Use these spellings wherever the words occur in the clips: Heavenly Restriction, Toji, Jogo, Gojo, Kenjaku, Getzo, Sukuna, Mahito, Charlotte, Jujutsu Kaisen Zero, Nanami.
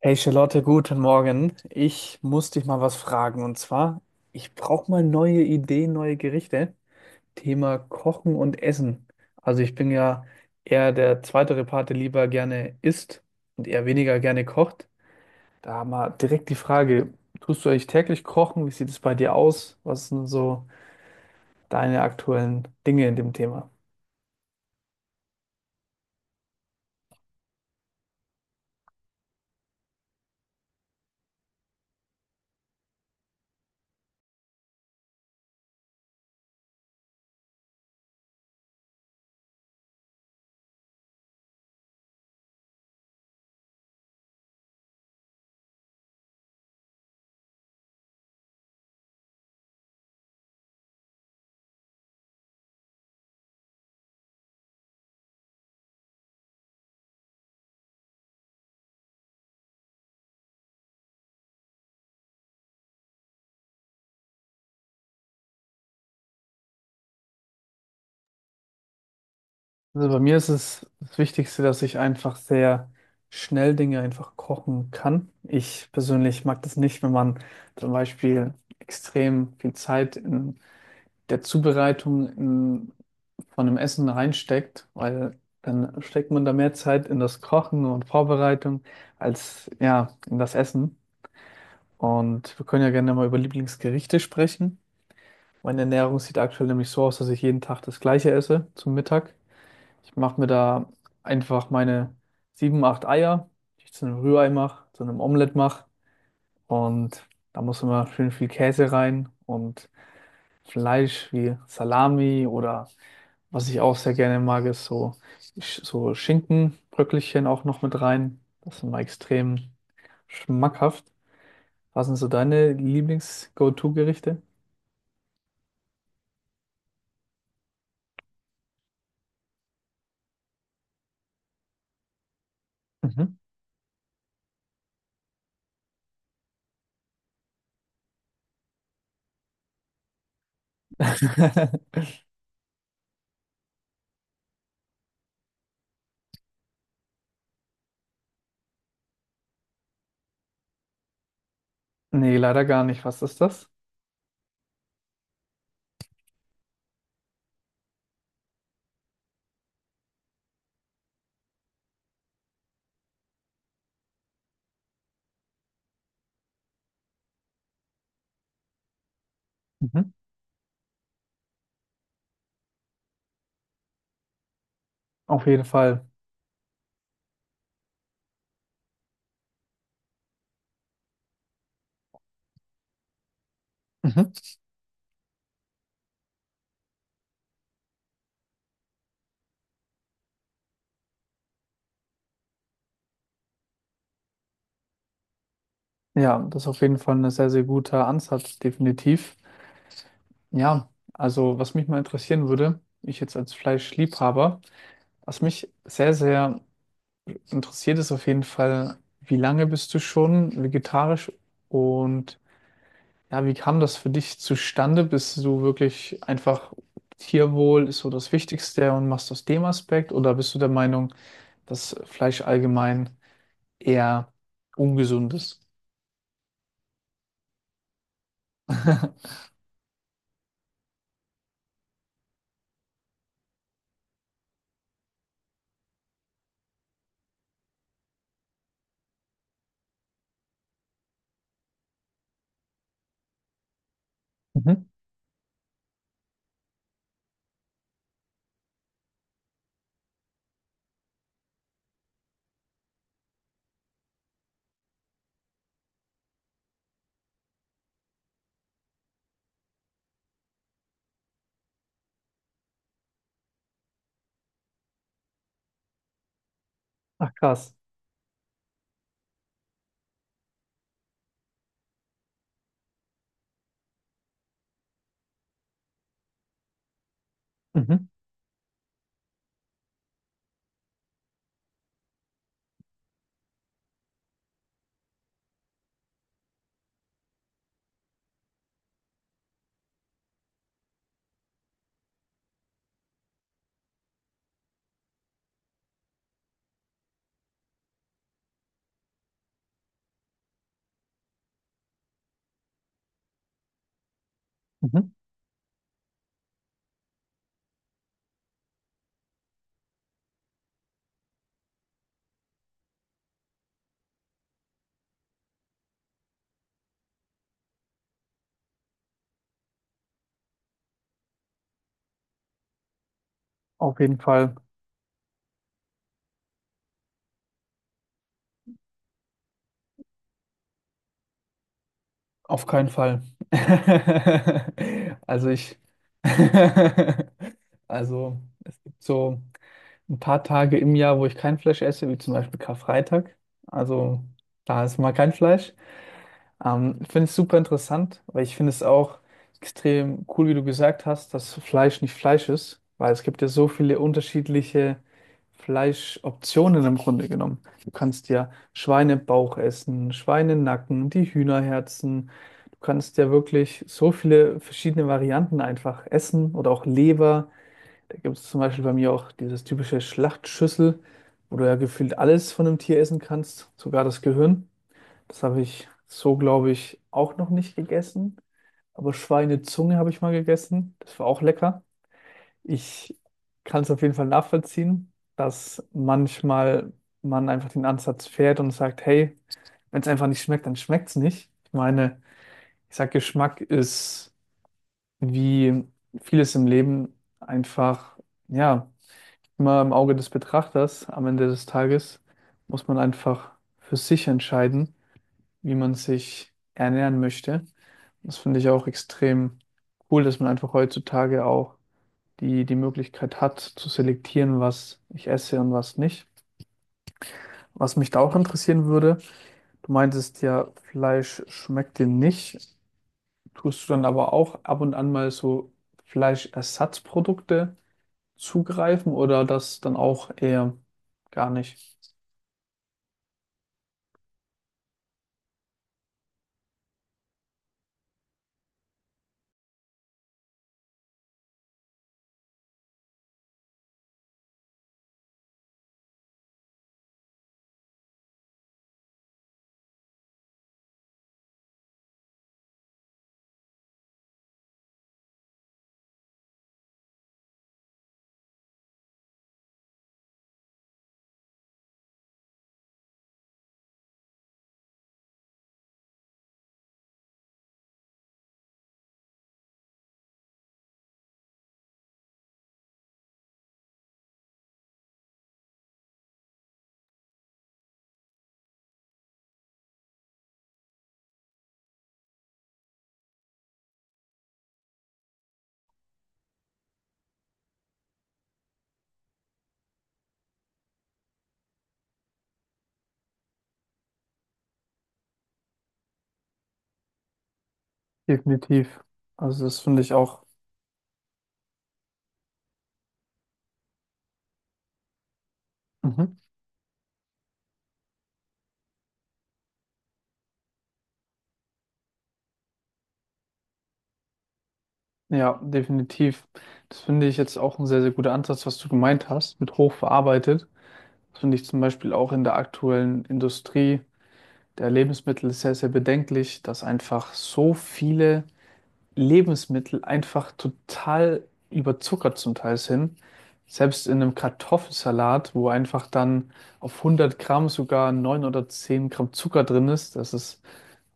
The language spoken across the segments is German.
Hey Charlotte, guten Morgen. Ich muss dich mal was fragen und zwar, ich brauche mal neue Ideen, neue Gerichte. Thema Kochen und Essen. Also ich bin ja eher der zweitere Part, der lieber gerne isst und eher weniger gerne kocht. Da mal direkt die Frage, tust du eigentlich täglich kochen? Wie sieht es bei dir aus? Was sind so deine aktuellen Dinge in dem Thema? Also bei mir ist es das Wichtigste, dass ich einfach sehr schnell Dinge einfach kochen kann. Ich persönlich mag das nicht, wenn man zum Beispiel extrem viel Zeit in der Zubereitung von einem Essen reinsteckt, weil dann steckt man da mehr Zeit in das Kochen und Vorbereitung als ja in das Essen. Und wir können ja gerne mal über Lieblingsgerichte sprechen. Meine Ernährung sieht aktuell nämlich so aus, dass ich jeden Tag das Gleiche esse zum Mittag. Ich mache mir da einfach meine sieben, acht Eier, die ich zu einem Rührei mache, zu einem Omelett mache. Und da muss immer schön viel Käse rein und Fleisch wie Salami oder was ich auch sehr gerne mag, ist so, so Schinkenbröckelchen auch noch mit rein. Das ist immer extrem schmackhaft. Was sind so deine Lieblings-Go-To-Gerichte? Mhm. Nee, leider gar nicht. Was ist das? Mhm. Auf jeden Fall. Mhm. Ja, das ist auf jeden Fall ein sehr, sehr guter Ansatz, definitiv. Ja, also was mich mal interessieren würde, ich jetzt als Fleischliebhaber, was mich sehr, sehr interessiert, ist auf jeden Fall, wie lange bist du schon vegetarisch und ja, wie kam das für dich zustande? Bist du wirklich einfach Tierwohl ist so das Wichtigste und machst aus dem Aspekt oder bist du der Meinung, dass Fleisch allgemein eher ungesund ist? Mhm. Ach, krass. Mhm. Mhm. Auf jeden Fall. Auf keinen Fall. Also ich, also es gibt so ein paar Tage im Jahr, wo ich kein Fleisch esse, wie zum Beispiel Karfreitag. Also da ist mal kein Fleisch. Ich finde es super interessant, weil ich finde es auch extrem cool, wie du gesagt hast, dass Fleisch nicht Fleisch ist, weil es gibt ja so viele unterschiedliche Fleischoptionen im Grunde genommen. Du kannst ja Schweinebauch essen, Schweinenacken, die Hühnerherzen. Du kannst ja wirklich so viele verschiedene Varianten einfach essen oder auch Leber. Da gibt es zum Beispiel bei mir auch dieses typische Schlachtschüssel, wo du ja gefühlt alles von einem Tier essen kannst, sogar das Gehirn. Das habe ich so, glaube ich, auch noch nicht gegessen. Aber Schweinezunge habe ich mal gegessen. Das war auch lecker. Ich kann es auf jeden Fall nachvollziehen, dass manchmal man einfach den Ansatz fährt und sagt, hey, wenn es einfach nicht schmeckt, dann schmeckt es nicht. Ich meine, ich sag, Geschmack ist wie vieles im Leben einfach, ja, immer im Auge des Betrachters. Am Ende des Tages muss man einfach für sich entscheiden, wie man sich ernähren möchte. Das finde ich auch extrem cool, dass man einfach heutzutage auch die Möglichkeit hat, zu selektieren, was ich esse und was nicht. Was mich da auch interessieren würde, du meintest ja, Fleisch schmeckt dir nicht. Tust du dann aber auch ab und an mal so Fleischersatzprodukte zugreifen oder das dann auch eher gar nicht? Definitiv. Also das finde ich auch. Mhm. Ja, definitiv. Das finde ich jetzt auch ein sehr, sehr guter Ansatz, was du gemeint hast, mit hochverarbeitet. Das finde ich zum Beispiel auch in der aktuellen Industrie der Lebensmittel sehr, sehr bedenklich, dass einfach so viele Lebensmittel einfach total überzuckert zum Teil sind. Selbst in einem Kartoffelsalat, wo einfach dann auf 100 Gramm sogar 9 oder 10 Gramm Zucker drin ist, das ist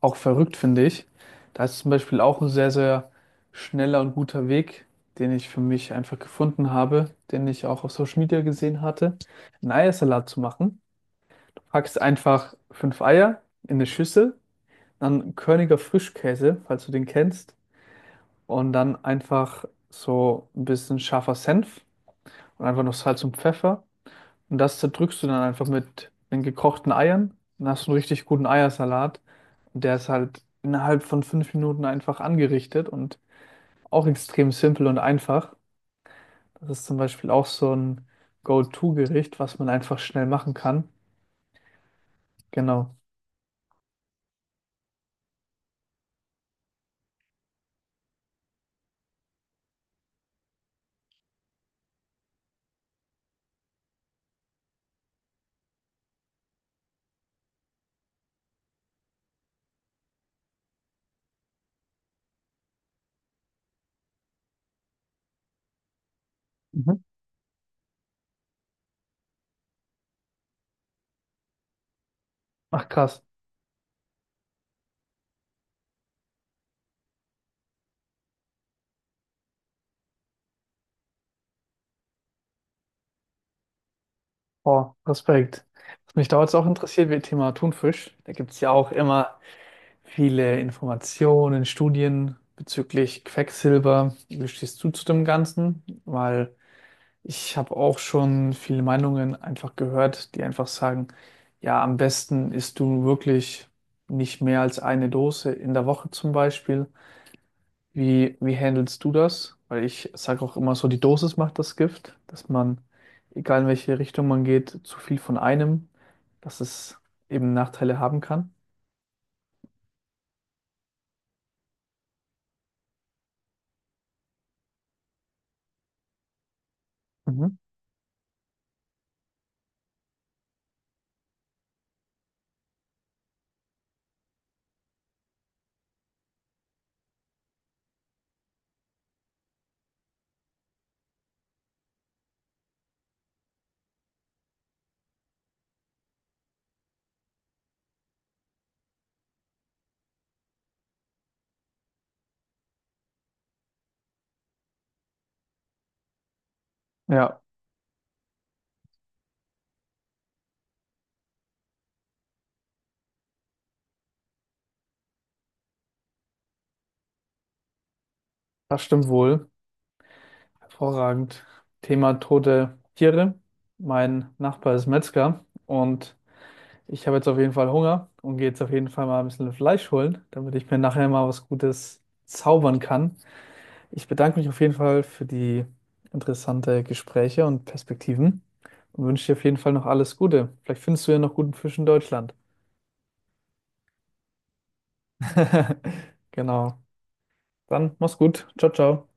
auch verrückt, finde ich. Da ist zum Beispiel auch ein sehr, sehr schneller und guter Weg, den ich für mich einfach gefunden habe, den ich auch auf Social Media gesehen hatte, einen Eiersalat zu machen. Du packst einfach fünf Eier in eine Schüssel, dann körniger Frischkäse, falls du den kennst, und dann einfach so ein bisschen scharfer Senf und einfach noch Salz und Pfeffer. Und das zerdrückst du dann einfach mit den gekochten Eiern. Dann hast du einen richtig guten Eiersalat. Und der ist halt innerhalb von 5 Minuten einfach angerichtet und auch extrem simpel und einfach. Das ist zum Beispiel auch so ein Go-To-Gericht, was man einfach schnell machen kann. Genau. Mhm. Ach, krass. Boah, Respekt. Was mich da jetzt auch interessiert, wie Thema Thunfisch. Da gibt es ja auch immer viele Informationen, Studien bezüglich Quecksilber. Wie stehst du zu dem Ganzen? Weil ich habe auch schon viele Meinungen einfach gehört, die einfach sagen, ja, am besten isst du wirklich nicht mehr als eine Dose in der Woche zum Beispiel. Wie, wie handelst du das? Weil ich sage auch immer so, die Dosis macht das Gift, dass man, egal in welche Richtung man geht, zu viel von einem, dass es eben Nachteile haben kann. Mhm. Ja, das stimmt wohl. Hervorragend. Thema tote Tiere. Mein Nachbar ist Metzger und ich habe jetzt auf jeden Fall Hunger und gehe jetzt auf jeden Fall mal ein bisschen Fleisch holen, damit ich mir nachher mal was Gutes zaubern kann. Ich bedanke mich auf jeden Fall für die interessanten Gespräche und Perspektiven und wünsche dir auf jeden Fall noch alles Gute. Vielleicht findest du ja noch guten Fisch in Deutschland. Genau. Dann mach's gut. Ciao, ciao.